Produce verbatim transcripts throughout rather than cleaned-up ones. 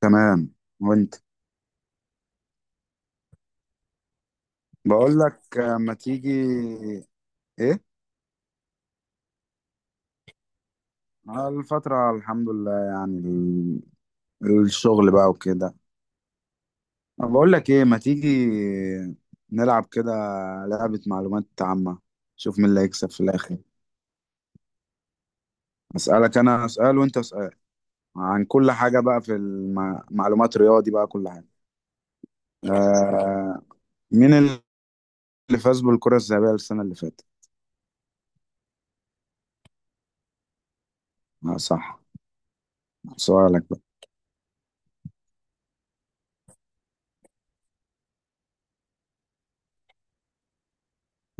تمام. وانت؟ بقول لك آه، ما تيجي. ايه؟ آه، الفترة الحمد لله يعني ال- الشغل بقى وكده. أنا بقول لك ايه، ما تيجي نلعب كده لعبة معلومات عامة، شوف مين اللي هيكسب في الاخر. اسألك انا، اسأل وانت اسأل عن كل حاجة بقى في المعلومات، رياضي بقى، كل حاجة. آه، مين اللي فاز بالكرة الذهبية السنة اللي فاتت؟ آه صح. سؤالك بقى.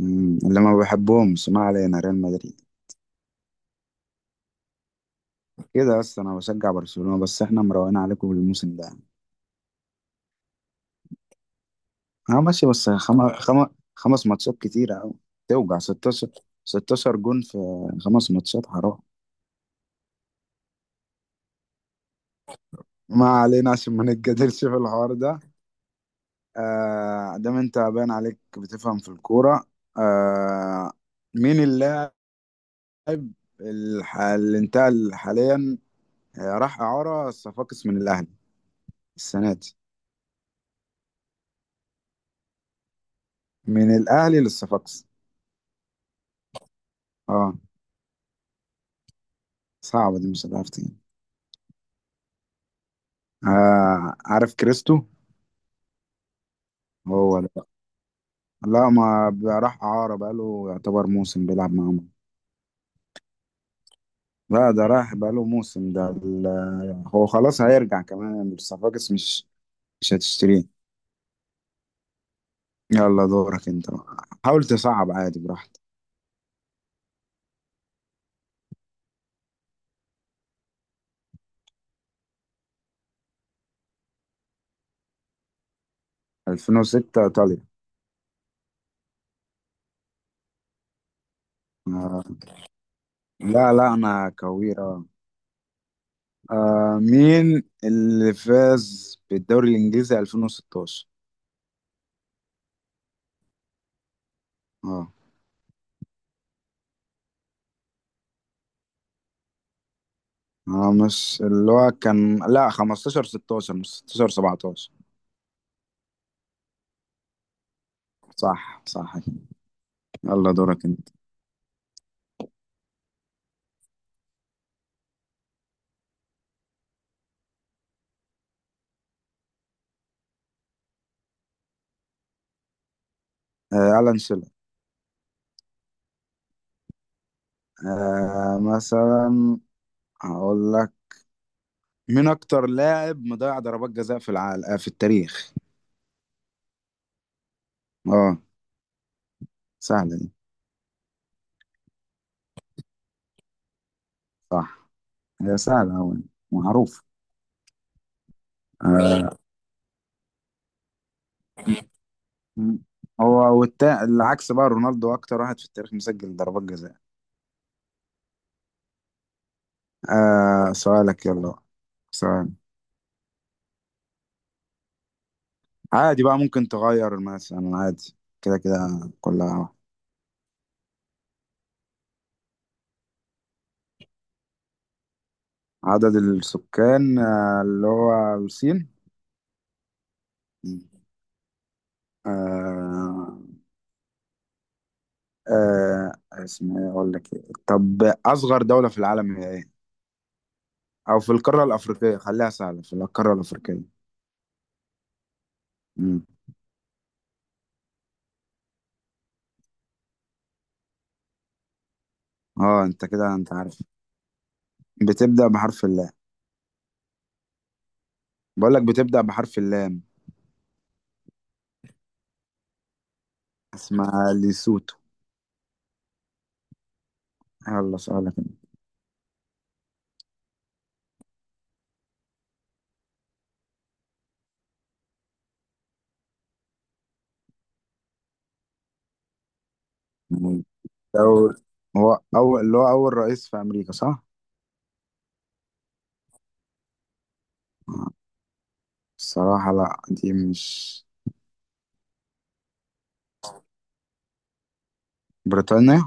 مم، اللي ما بحبهم، ما علينا، ريال مدريد. كده بس، انا بشجع برشلونة، بس احنا مروقين عليكم الموسم ده. اه ماشي بس خم... خم... خمس ماتشات كتيرة أوي. توجع ستاشر. ستاشر جون في خمس ماتشات، حرام. ما علينا عشان ما نتجادلش في الحوار ده. آه، دام انت باين عليك بتفهم في الكورة. آه، مين اللاعب الح... اللي انتقل حاليا، آه، راح إعارة الصفاقس من الأهلي السنة دي؟ من الأهلي للصفاقس. اه. صعبة دي، مش هتعرف تاني. آه عارف كريستو؟ هو ده بقى. لا ما بقى، راح إعارة بقاله يعتبر موسم بيلعب معاهم. لا ده راح بقاله موسم، ده ال- هو خلاص هيرجع، كمان الصفاقس مش مش هتشتريه. يلا دورك انت بقى. حاول تصعب عادي، براحتك. ألفين وستة ايطاليا. آه. لا لا انا كويرة. آه، آه، مين اللي فاز بالدوري الانجليزي ألفين وستاشر؟ اه. اه مش اللي هو كان، لا خمسة عشر ستاشر مش ستاشر سبعتاشر. صح صح. يلا دورك انت. آه، ألان شيرر. آه، مثلا هقول لك، مين أكتر لاعب مضيع ضربات جزاء في العالم، آه، في التاريخ؟ اه. سهلة دي. صح، هي سهلة أوي، معروف. آه، م- هو والتا... العكس بقى، رونالدو أكتر واحد في التاريخ مسجل ضربات جزاء. آه، سؤالك يلا بقى. سؤال عادي بقى، ممكن تغير مثلا عادي، كده كده كلها واحد. عدد السكان، آه، اللي هو الصين. آه. آه اسمها إيه؟ اقول لك إيه؟ طب اصغر دولة في العالم هي ايه، او في القارة الافريقية، خليها سهلة في القارة الافريقية. امم اه، انت كده انت عارف. بتبدأ بحرف اللام. بقول لك بتبدأ بحرف اللام. اسمها ليسوتو. يلا سؤالك أنت. دول، هو اول، اللي هو اول رئيس في امريكا، صح؟ الصراحة لا، دي مش. بريطانيا.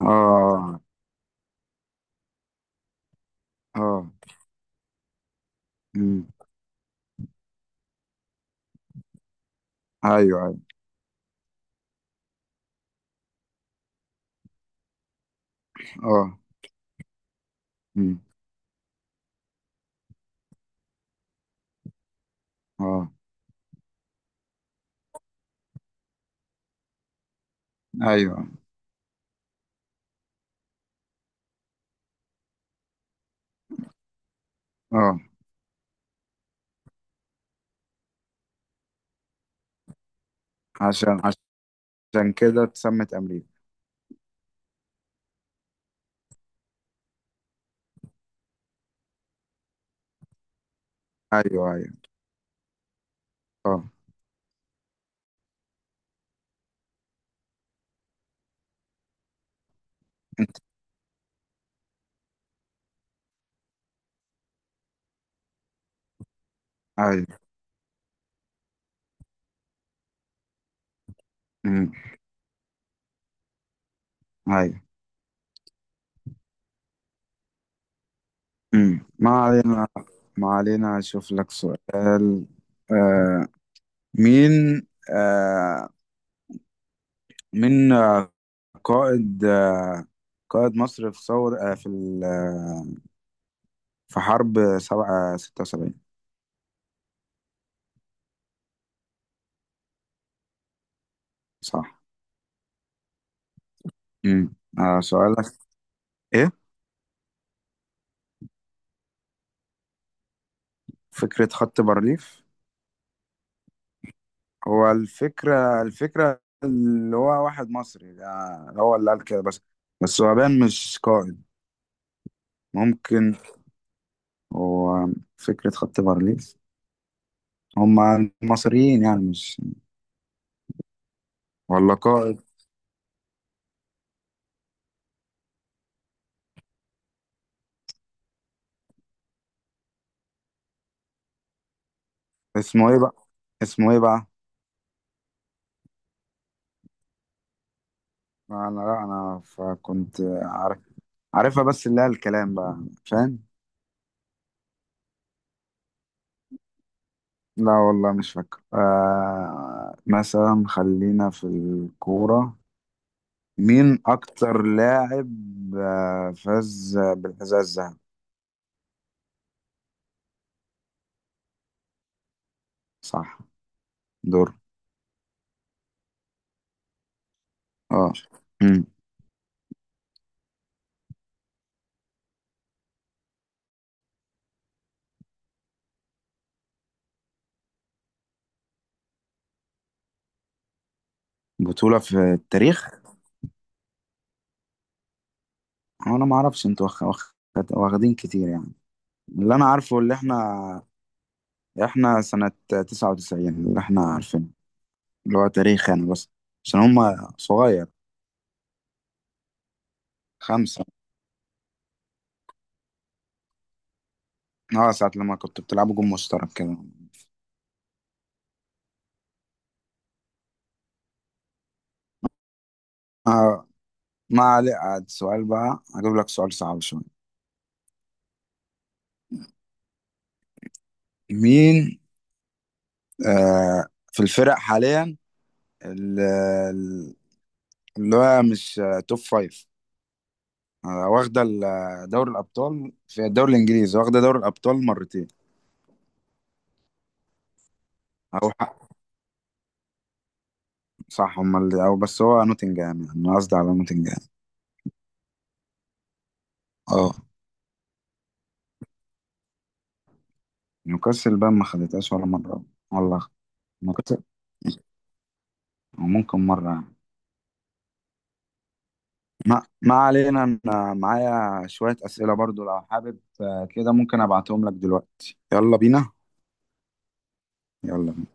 اه. اه. امم. ايوه ايوه. اه. امم. اه. ايوه. اه. عشان، عشان كده اتسمت امريكا. ايوه ايوه. اه. انت. ايوه. امم. ايوه. امم. ما علينا، ما علينا اشوف لك سؤال. آه، مين، آه، مين، آه، قائد، آه، قائد مصر في ثور، آه، في ال- آه في حرب سبعة ستة وسبعين؟ صح. امم، آه سؤالك. ايه فكرة خط بارليف؟ هو الفكرة، الفكرة اللي هو واحد مصري ده هو اللي قال كده، بس بس هو باين مش قائد، ممكن. وفكرة خط بارليف هما المصريين يعني، مش ولا قائد. اسمه ايه بقى؟ اسمه ايه بقى؟ انا لا، انا فكنت عارف، عارفها بس اللي هي الكلام بقى، فاهم. لا والله مش فاكر. آه مثلا خلينا في الكورة، مين أكتر لاعب، آه، فاز بالحذاء الذهبي؟ صح. دور. اه. مم. بطولة في التاريخ؟ أنا ما أعرفش، أنتوا واخ- واخ- واخدين كتير يعني. اللي انا عارفه، اللي احنا، احنا سنة تسعة وتسعين، اللي احنا عارفينه، اللي هو تاريخ يعني، بس عشان هما صغير. خمسة. اه، ساعة لما كنت بتلعبوا جون مشترك كده. آه، ما عليك. عاد سؤال بقى، هجيب لك سؤال صعب شوية. مين، آه، في الفرق حاليا، ال- ال- اللي هو مش آه، توب فايف، آه، واخدة ال- آه، دوري الأبطال، في الدوري الإنجليزي واخدة دوري الأبطال مرتين؟ أو حق، صح، هما اللي أو، بس هو نوتنجهام يعني، أنا قصدي على نوتنجهام. اه. نيوكاسل بقى ما خدتهاش ولا مرة، والله. نيوكاسل. أو ممكن مرة يعني. ما, ما علينا. أنا معايا شوية أسئلة برضو لو حابب، آه، كده ممكن أبعتهم لك دلوقتي. يلا بينا. يلا بينا.